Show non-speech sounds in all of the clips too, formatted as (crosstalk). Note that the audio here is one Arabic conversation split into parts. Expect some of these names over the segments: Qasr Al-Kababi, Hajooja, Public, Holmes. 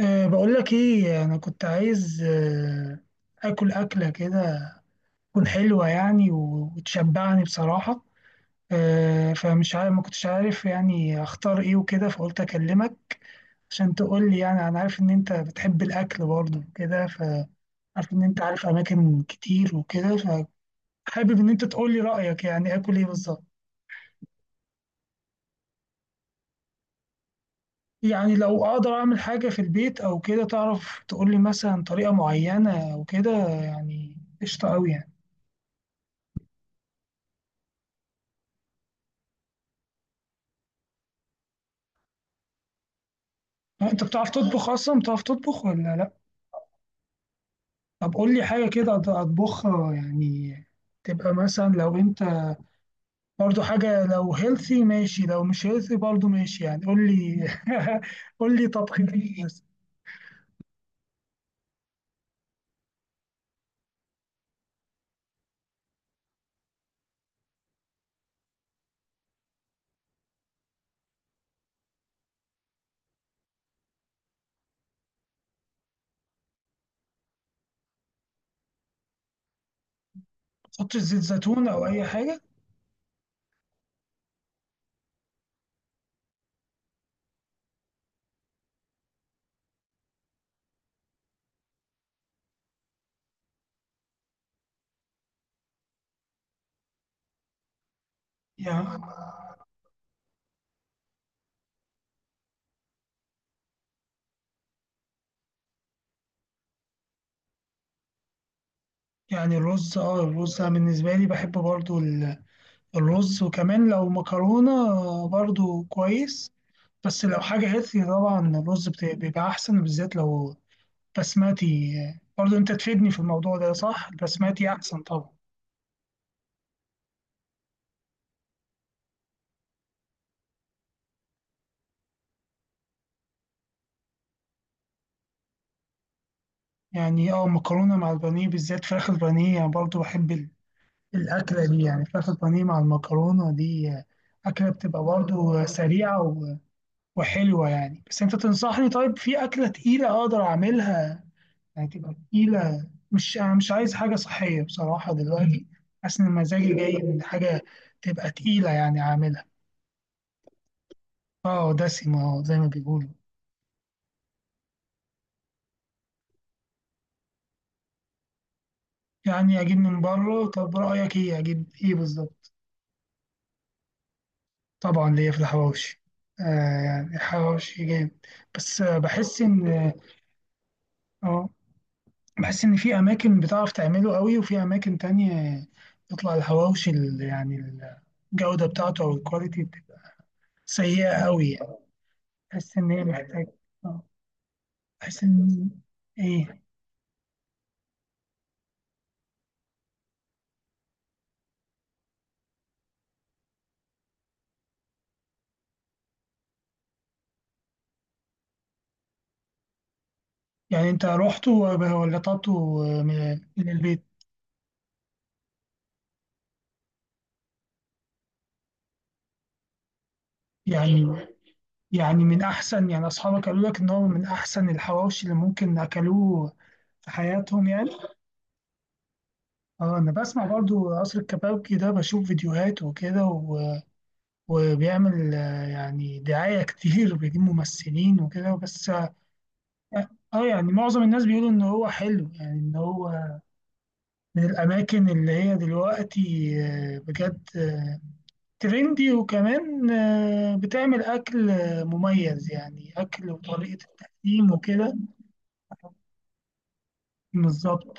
بقول لك ايه، انا كنت عايز اكل اكله كده تكون حلوه يعني وتشبعني بصراحه. فمش عارف، ما كنتش عارف يعني اختار ايه وكده، فقلت اكلمك عشان تقول لي. يعني انا عارف ان انت بتحب الاكل برضه وكده، فعارف ان انت عارف اماكن كتير وكده. فحابب ان انت تقول لي رايك يعني اكل ايه بالظبط. يعني لو اقدر اعمل حاجه في البيت او كده تعرف تقول لي مثلا طريقه معينه او كده، يعني قشطه قوي يعني. آه، انت بتعرف تطبخ اصلا، بتعرف تطبخ ولا لا؟ طب قول لي حاجه كده اطبخها يعني. تبقى مثلا لو انت برضو حاجه، لو هيلثي ماشي، لو مش هيلثي برضو ماشي، يعني قول لي (laughs) قول لي طبختين بس. ما تحطش زيت زيتون او اي حاجه. يعني يعني الرز، الرز أنا بالنسبه لي بحب برضو الرز، وكمان لو مكرونه برضو كويس. بس لو حاجه هيلثي، طبعا الرز بيبقى احسن، بالذات لو بسماتي. برضه انت تفيدني في الموضوع ده، صح، البسماتي احسن طبعا. يعني مكرونه مع البانيه، بالذات فراخ البانيه، يعني برضه بحب الاكله دي، يعني فراخ البانيه مع المكرونه دي. اكله بتبقى برضه سريعه وحلوه يعني. بس انت تنصحني طيب في اكله تقيله اقدر اعملها؟ يعني تبقى تقيله، مش، انا مش عايز حاجه صحيه بصراحه دلوقتي، حاسس ان مزاجي جاي من حاجه تبقى تقيله يعني اعملها. اه، دسمه، اه، زي ما بيقولوا. يعني اجيب من بره، طب رايك ايه، اجيب ايه بالظبط؟ طبعا ليا في الحواوشي. آه، يعني الحواوشي جامد، بس بحس ان، اه بحس ان في اماكن بتعرف تعمله قوي وفي اماكن تانية بيطلع الحواوشي يعني الجوده بتاعته او الكواليتي بتبقى سيئه قوي يعني. بحس ان هي محتاج، آه، بحس ان ايه. يعني انت رحت ولا طلبته من من البيت؟ يعني يعني من أحسن، يعني أصحابك قالوا لك إن هو من أحسن الحواوشي اللي ممكن أكلوه في حياتهم يعني. اه، أنا بسمع برضو قصر الكبابجي ده، بشوف فيديوهات وكده وبيعمل يعني دعاية كتير، وبيجيب ممثلين وكده، بس يعني معظم الناس بيقولوا إن هو حلو، يعني إن هو من الأماكن اللي هي دلوقتي، بجد، ترندي، وكمان بتعمل أكل مميز، يعني أكل وطريقة التقديم وكده. بالظبط.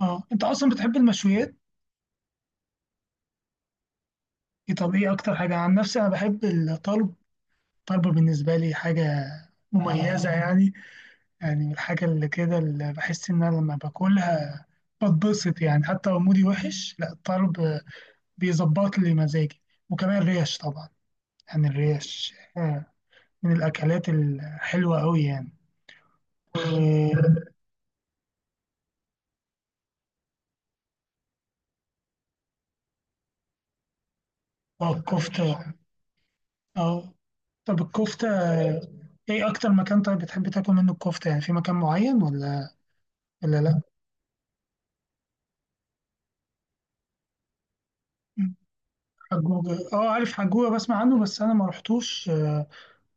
اه، انت اصلا بتحب المشويات. إيه، طب ايه اكتر حاجه، عن نفسي انا بحب الطرب، الطرب بالنسبه لي حاجه مميزه يعني. يعني من الحاجه اللي كده، اللي بحس ان انا لما باكلها بتبسط يعني، حتى لو مودي وحش، لا، الطرب بيظبط لي مزاجي. وكمان الريش طبعا، يعني الريش من الاكلات الحلوه قوي يعني. و- والكفته، اه. طب الكفته، ايه اكتر مكان طيب بتحب تاكل منه الكفته، يعني في مكان معين ولا لا؟ حجوجة، اه، عارف حجوجة، بسمع عنه، بس انا ما رحتوش،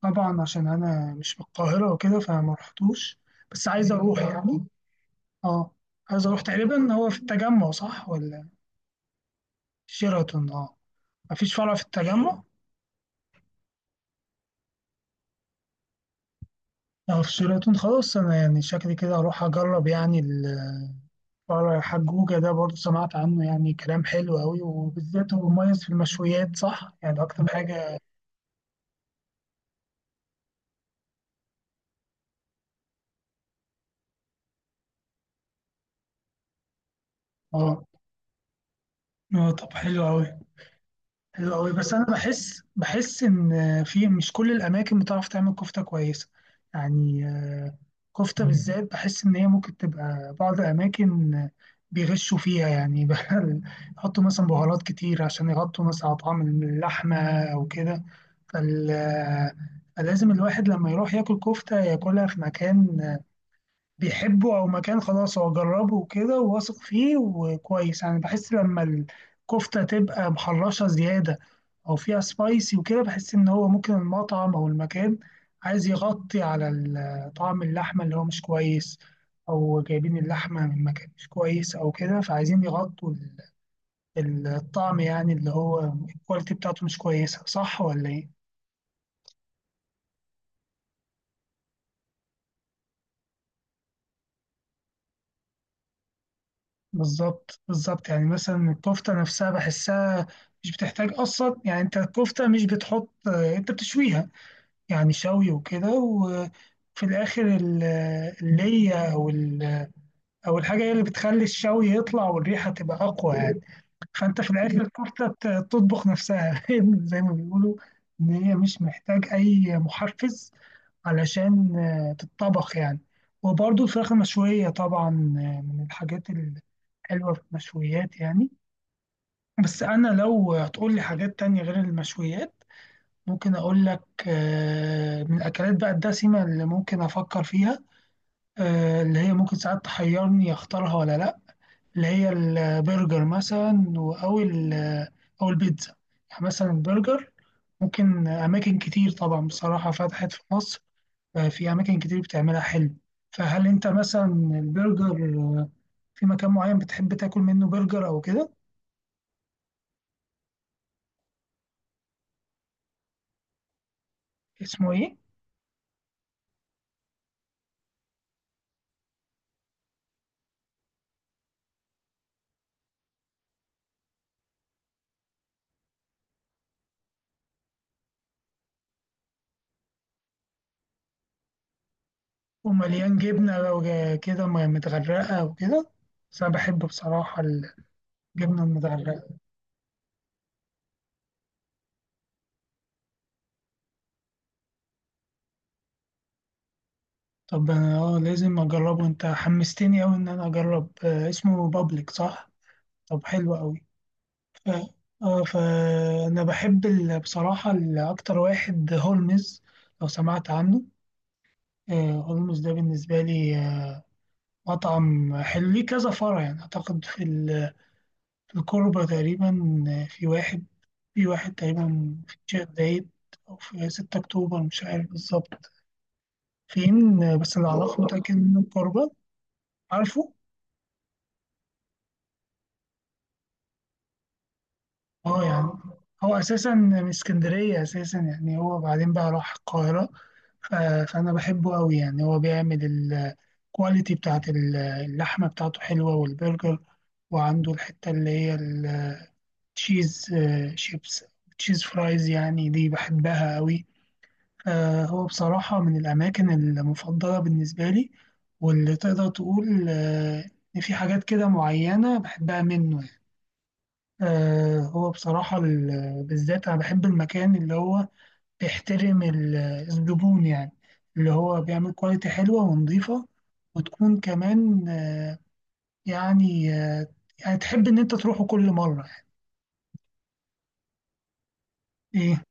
طبعا عشان انا مش من القاهرة وكده، فما رحتوش. بس عايز اروح يعني، اه عايز اروح. تقريبا هو في التجمع صح ولا؟ شيراتون، اه. مفيش فرع في التجمع؟ اه، في شيراتون. خلاص، انا يعني شكلي كده اروح اجرب يعني الفرع. حجوجة ده برضه سمعت عنه يعني كلام حلو قوي، وبالذات هو مميز في المشويات صح يعني اكتر حاجة. اه، طب حلو قوي. حلو قوي، بس انا بحس ان في مش كل الاماكن بتعرف تعمل كفته كويسه. يعني كفته بالذات بحس ان هي ممكن تبقى بعض الاماكن بيغشوا فيها يعني (laughs) بقى. يحطوا مثلا بهارات كتير عشان يغطوا مثلا على طعم اللحمه او كده. فال آه، فلازم الواحد لما يروح ياكل كفته ياكلها في مكان بيحبه، او مكان خلاص هو جربه وكده وواثق فيه وكويس، يعني بحس لما الكفته تبقى محرشه زياده، او فيها سبايسي وكده، بحس ان هو ممكن المطعم او المكان عايز يغطي على طعم اللحمه اللي هو مش كويس، او جايبين اللحمه من مكان مش كويس او كده، فعايزين يغطوا الطعم يعني اللي هو الكواليتي بتاعته مش كويسه، صح ولا ايه؟ بالظبط بالظبط، يعني مثلا الكفتة نفسها بحسها مش بتحتاج أصلا، يعني أنت الكفتة مش بتحط، أنت بتشويها يعني شوي وكده، وفي الآخر اللية أو أو الحاجة هي اللي بتخلي الشوي يطلع والريحة تبقى أقوى يعني. فانت في الاخر الكفته تطبخ نفسها (laughs) زي ما بيقولوا ان هي مش محتاج اي محفز، علشان تتطبخ يعني. وبرضه الفراخ المشويه طبعا من الحاجات الحلوه في المشويات يعني. بس انا لو هتقول لي حاجات تانية غير المشويات، ممكن اقول لك من الاكلات بقى الدسمه اللي ممكن افكر فيها، اللي هي ممكن ساعات تحيرني اختارها ولا لا. اللي هي البرجر مثلا، أو أو البيتزا. يعني مثلا البرجر، ممكن أماكن كتير طبعا بصراحة فتحت في مصر، في أماكن كتير بتعملها حلو. فهل أنت مثلا البرجر آه، في مكان معين بتحب تاكل منه برجر أو كده؟ اسمه إيه؟ ومليان جبنة لو كده متغرقة وكده، بس أنا بحب بصراحة الجبنة المتغرقة. طب أنا لازم أجربه، أنت حمستني أوي إن أنا أجرب، اسمه بابليك صح؟ طب حلو أوي. اه، فانا بحب بصراحه اكتر واحد هولمز لو سمعت عنه. هولمز ده بالنسبه لي مطعم حلو ليه كذا فرع يعني، اعتقد في في الكوربه تقريبا، آه، في واحد في واحد تقريبا في الشيخ زايد او في 6 اكتوبر مش عارف بالظبط فين، بس اللي اعرفه متاكد انه الكوربه. عارفه، اه، يعني هو اساسا من اسكندريه اساسا، يعني هو بعدين بقى راح القاهره، ف- فانا بحبه قوي يعني. هو بيعمل الكواليتي بتاعت اللحمة بتاعته حلوة والبرجر، وعنده الحتة اللي هي التشيز آه، شيبس تشيز فرايز يعني دي بحبها قوي. فهو بصراحة من الأماكن المفضلة بالنسبة لي، واللي تقدر تقول إن في حاجات كده معينة بحبها منه يعني. هو بصراحة بالذات أنا بحب المكان اللي هو بيحترم الزبون يعني، اللي هو بيعمل كواليتي حلوة ونظيفة وتكون كمان، يعني آه، يعني تحب إن أنت تروحه كل مرة يعني. إيه،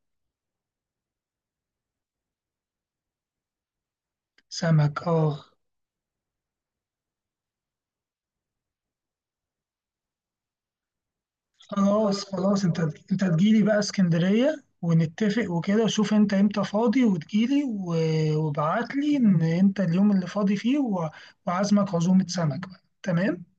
سمك، أه. خلاص خلاص أنت تجيلي بقى اسكندرية، ونتفق وكده، شوف أنت إمتى فاضي وتجيلي، وابعتلي إن أنت اليوم اللي فاضي فيه، وعازمك عزومة سمك بقى، تمام.